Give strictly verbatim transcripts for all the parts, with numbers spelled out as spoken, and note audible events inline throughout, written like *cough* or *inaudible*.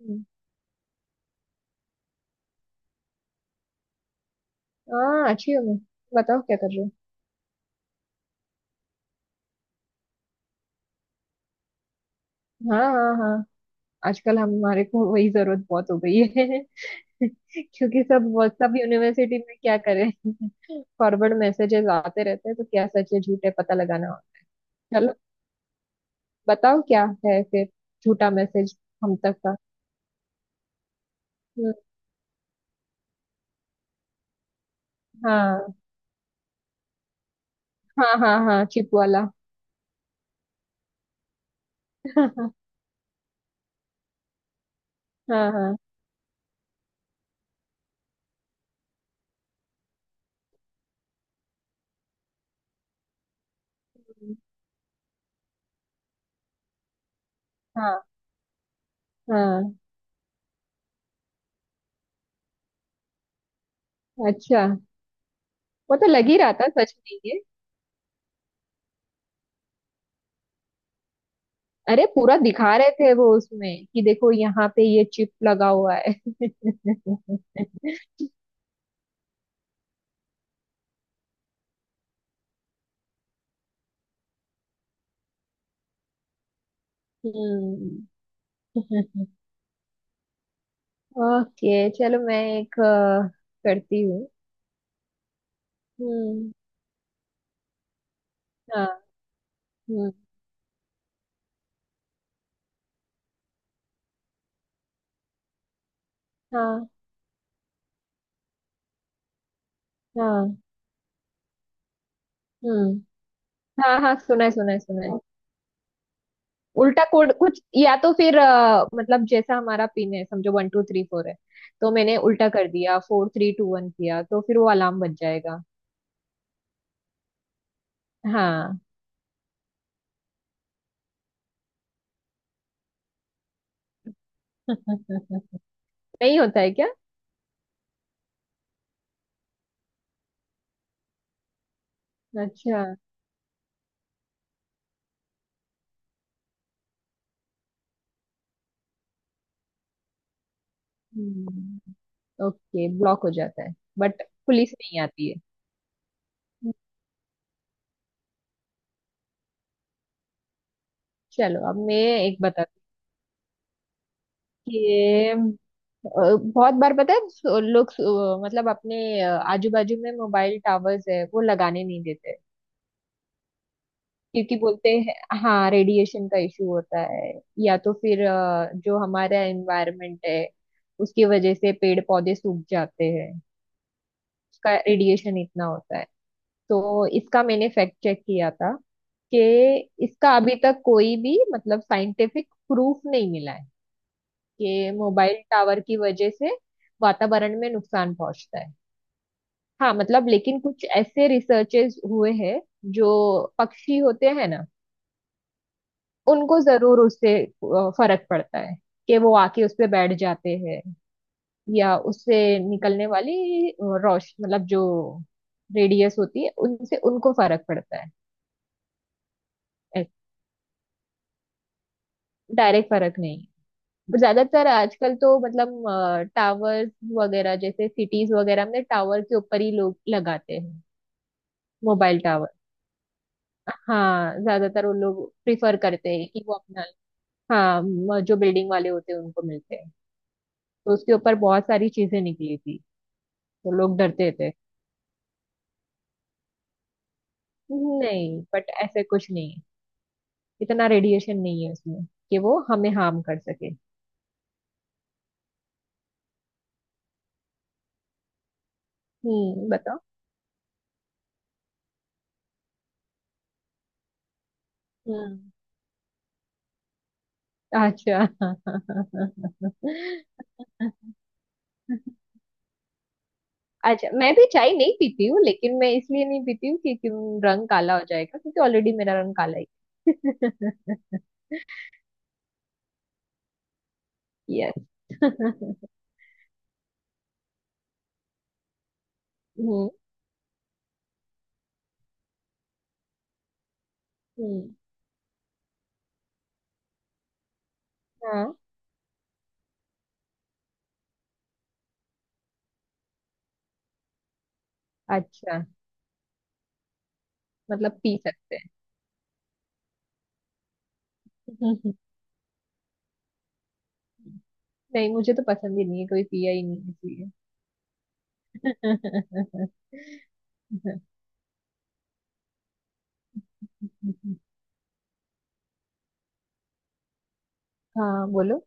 हम्म। हाँ, अच्छी हो मैं। बताओ, क्या कर रहे हो? हाँ हाँ हाँ। आजकल हमारे को वही जरूरत बहुत हो गई है। *laughs* क्योंकि सब व्हाट्सएप यूनिवर्सिटी में क्या करें, फॉरवर्ड मैसेजेस आते रहते हैं तो क्या सच है झूठ है पता लगाना होता है। चलो, बताओ क्या है फिर, झूठा मैसेज हम तक का। हम्म। हाँ हाँ हाँ हाँ, चिप वाला। *laughs* हाँ हाँ। हम्म। हाँ हाँ, अच्छा। वो तो लग ही रहा था सच में ये। अरे, पूरा दिखा रहे थे वो उसमें कि देखो यहाँ पे ये चिप लगा हुआ है। हम्म। *laughs* ओके, चलो मैं एक अ, करती हूँ। हम्म। हाँ। हम्म। हाँ। हाँ। हम्म। हाँ हाँ, सुना है सुना है सुना है। उल्टा कोड कुछ, या तो फिर अ, मतलब जैसा हमारा पिन है, समझो वन टू थ्री फोर है। तो मैंने उल्टा कर दिया, फोर थ्री टू वन किया तो फिर वो अलार्म बज जाएगा। हाँ। *laughs* नहीं, होता है क्या? अच्छा। हम्म, ओके, ब्लॉक हो जाता है। बट पुलिस नहीं आती है। चलो अब मैं एक बताती। ये अ, बहुत बार पता है लोग अ, मतलब अपने आजू बाजू में मोबाइल टावर्स है वो लगाने नहीं देते, क्योंकि बोलते हैं। हाँ, रेडिएशन का इशू होता है, या तो फिर अ, जो हमारा एनवायरनमेंट है, उसकी वजह से पेड़ पौधे सूख जाते हैं। उसका रेडिएशन इतना होता है। तो इसका मैंने फैक्ट चेक किया था कि इसका अभी तक कोई भी मतलब साइंटिफिक प्रूफ नहीं मिला है कि मोबाइल टावर की वजह से वातावरण में नुकसान पहुंचता है। हाँ मतलब, लेकिन कुछ ऐसे रिसर्चेस हुए हैं, जो पक्षी होते हैं ना, उनको जरूर उससे अ, फर्क पड़ता है कि वो आके उस पे बैठ जाते हैं, या उससे निकलने वाली रोश मतलब जो रेडियस होती है उनसे उनको फर्क पड़ता है। डायरेक्ट फर्क नहीं। ज्यादातर आजकल तो मतलब टावर्स वगैरह जैसे सिटीज वगैरह में टावर के ऊपर ही लोग लगाते हैं, मोबाइल टावर। हाँ, ज्यादातर वो लोग प्रिफर करते हैं कि वो अपना। हाँ, म- जो बिल्डिंग वाले होते हैं उनको मिलते हैं। तो उसके ऊपर बहुत सारी चीजें निकली थी। तो लोग डरते थे। नहीं, बट ऐसे कुछ नहीं है, इतना रेडिएशन नहीं है उसमें कि वो हमें हार्म कर सके। हम्म, बताओ। हम्म। अच्छा। अच्छा, मैं भी चाय नहीं पीती हूँ, लेकिन मैं इसलिए नहीं पीती हूँ कि, कि रंग काला हो जाएगा क्योंकि ऑलरेडी मेरा रंग काला ही। *laughs* यस। *laughs* हम्म। हम्म। हाँ। अच्छा, मतलब पी सकते हैं। *laughs* नहीं, मुझे तो पसंद ही नहीं है, कोई पिया ही नहीं इसलिए। *laughs* हाँ, बोलो।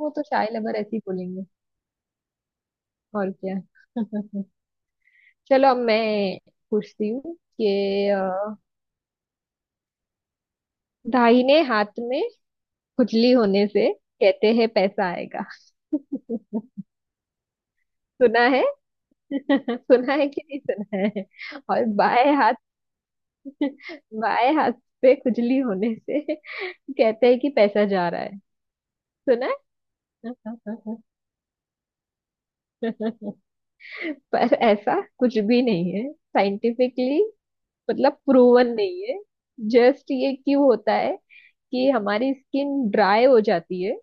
वो तो चाय लवर ऐसे ही बोलेंगे, और क्या। चलो अब मैं पूछती हूँ कि अ, दाहिने हाथ में खुजली होने से कहते हैं पैसा आएगा। *laughs* सुना है। *laughs* सुना है कि नहीं सुना है। और बाएं हाथ। *laughs* बाएं हाथ पे खुजली होने से कहते हैं कि पैसा जा रहा है। सुना। *laughs* पर ऐसा कुछ भी नहीं है साइंटिफिकली, मतलब प्रूवन नहीं है। जस्ट ये क्यों होता है कि हमारी स्किन ड्राई हो जाती है,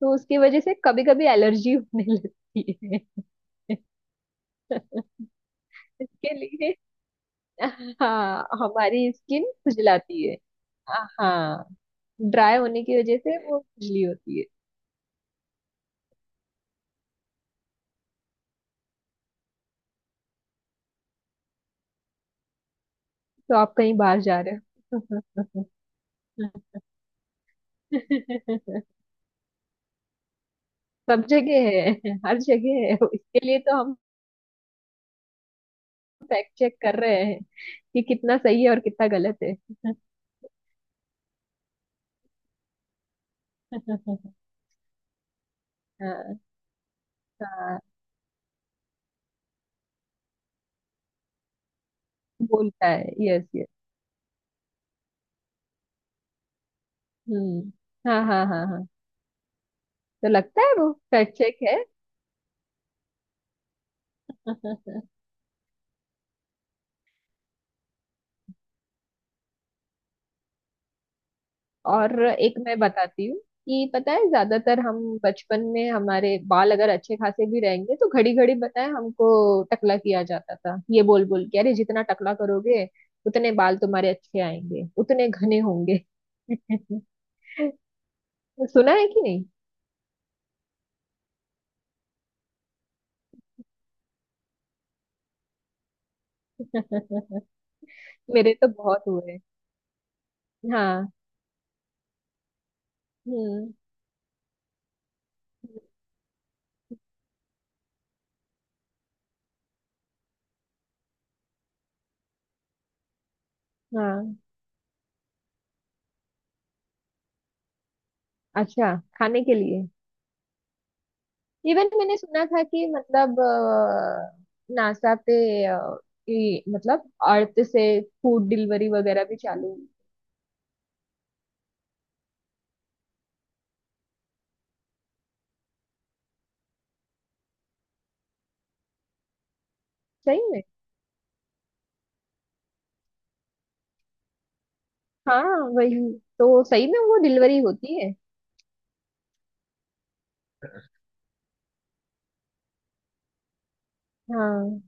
तो उसकी वजह से कभी कभी एलर्जी होने लगती है। *laughs* इसके लिए, हाँ, हमारी स्किन खुजलाती है। हाँ, ड्राई होने की वजह से वो खुजली होती है। तो आप कहीं बाहर जा रहे हो। *laughs* सब जगह है। हर जगह है, इसके लिए तो हम फैक्ट चेक कर रहे हैं कि कितना सही है और कितना गलत है। *laughs* हाँ। हाँ, बोलता है, यस यस। हम्म। हाँ हाँ हाँ हाँ, तो लगता है वो फैक्ट चेक है। और एक मैं बताती हूँ कि पता है ज्यादातर हम बचपन में हमारे बाल अगर अच्छे खासे भी रहेंगे तो घड़ी घड़ी बताए हमको टकला किया जाता था, ये बोल बोल के, अरे जितना टकला करोगे उतने बाल तुम्हारे अच्छे आएंगे उतने घने होंगे। *laughs* सुना है कि नहीं। *laughs* मेरे तो बहुत हुए। हाँ। हम्म। हाँ। अच्छा, खाने के लिए। इवन मैंने सुना था कि मतलब नासा पे अ, ये, मतलब अर्थ से फूड डिलीवरी वगैरह भी चालू हुई। सही में। हाँ, वही। तो सही में वो डिलीवरी होती है। हाँ।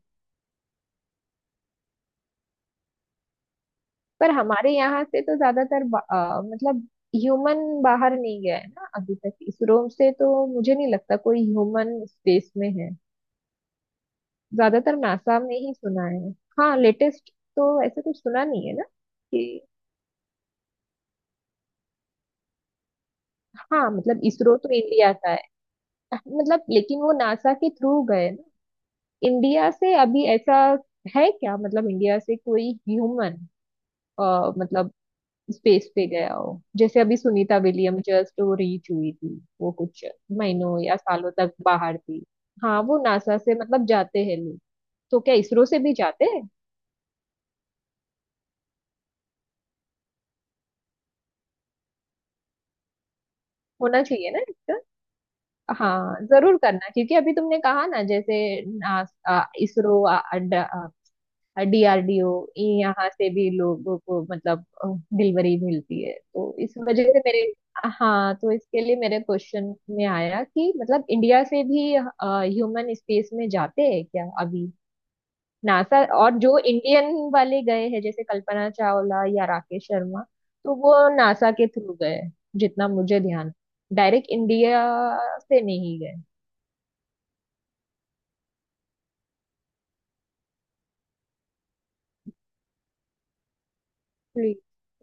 पर हमारे यहाँ से तो ज्यादातर बा- अ, मतलब ह्यूमन बाहर नहीं गया है ना अभी तक इसरो से, तो मुझे नहीं लगता कोई ह्यूमन स्पेस में है। ज्यादातर नासा में ही सुना है। हाँ, लेटेस्ट तो ऐसा कुछ सुना नहीं है ना। हाँ मतलब इसरो तो इंडिया का है, मतलब लेकिन वो नासा के थ्रू गए ना। इंडिया से अभी ऐसा है क्या, मतलब इंडिया से कोई ह्यूमन मतलब स्पेस पे गया हो? जैसे अभी सुनीता विलियम जस्ट वो रीच हुई थी, वो कुछ महीनों या सालों तक बाहर थी। हाँ, वो नासा से मतलब जाते हैं लोग, तो क्या इसरो से भी जाते हैं? होना चाहिए ना इसका। हाँ, जरूर करना क्योंकि अभी तुमने कहा ना जैसे नास- आ, इसरो, डीआरडीओ, यहाँ से भी लोगों को मतलब डिलीवरी मिलती है, तो इस वजह से मेरे। हाँ, तो इसके लिए मेरे क्वेश्चन में आया कि मतलब इंडिया से भी ह्यूमन स्पेस में जाते हैं क्या अभी? नासा और जो इंडियन वाले गए हैं जैसे कल्पना चावला या राकेश शर्मा, तो वो नासा के थ्रू गए हैं, जितना मुझे ध्यान, डायरेक्ट इंडिया से नहीं गए। प्लीज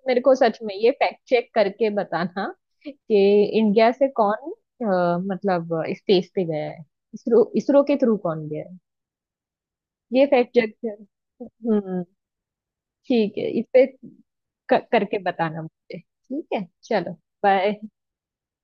मेरे को सच में ये फैक्ट चेक करके बताना कि इंडिया से कौन अ, मतलब स्पेस पे गया है। इसरो, इसरो के थ्रू कौन गया है। ये फैक्ट चेक कर। हम्म। ठीक है, इस पे क- करके बताना मुझे। ठीक है, चलो। बाय।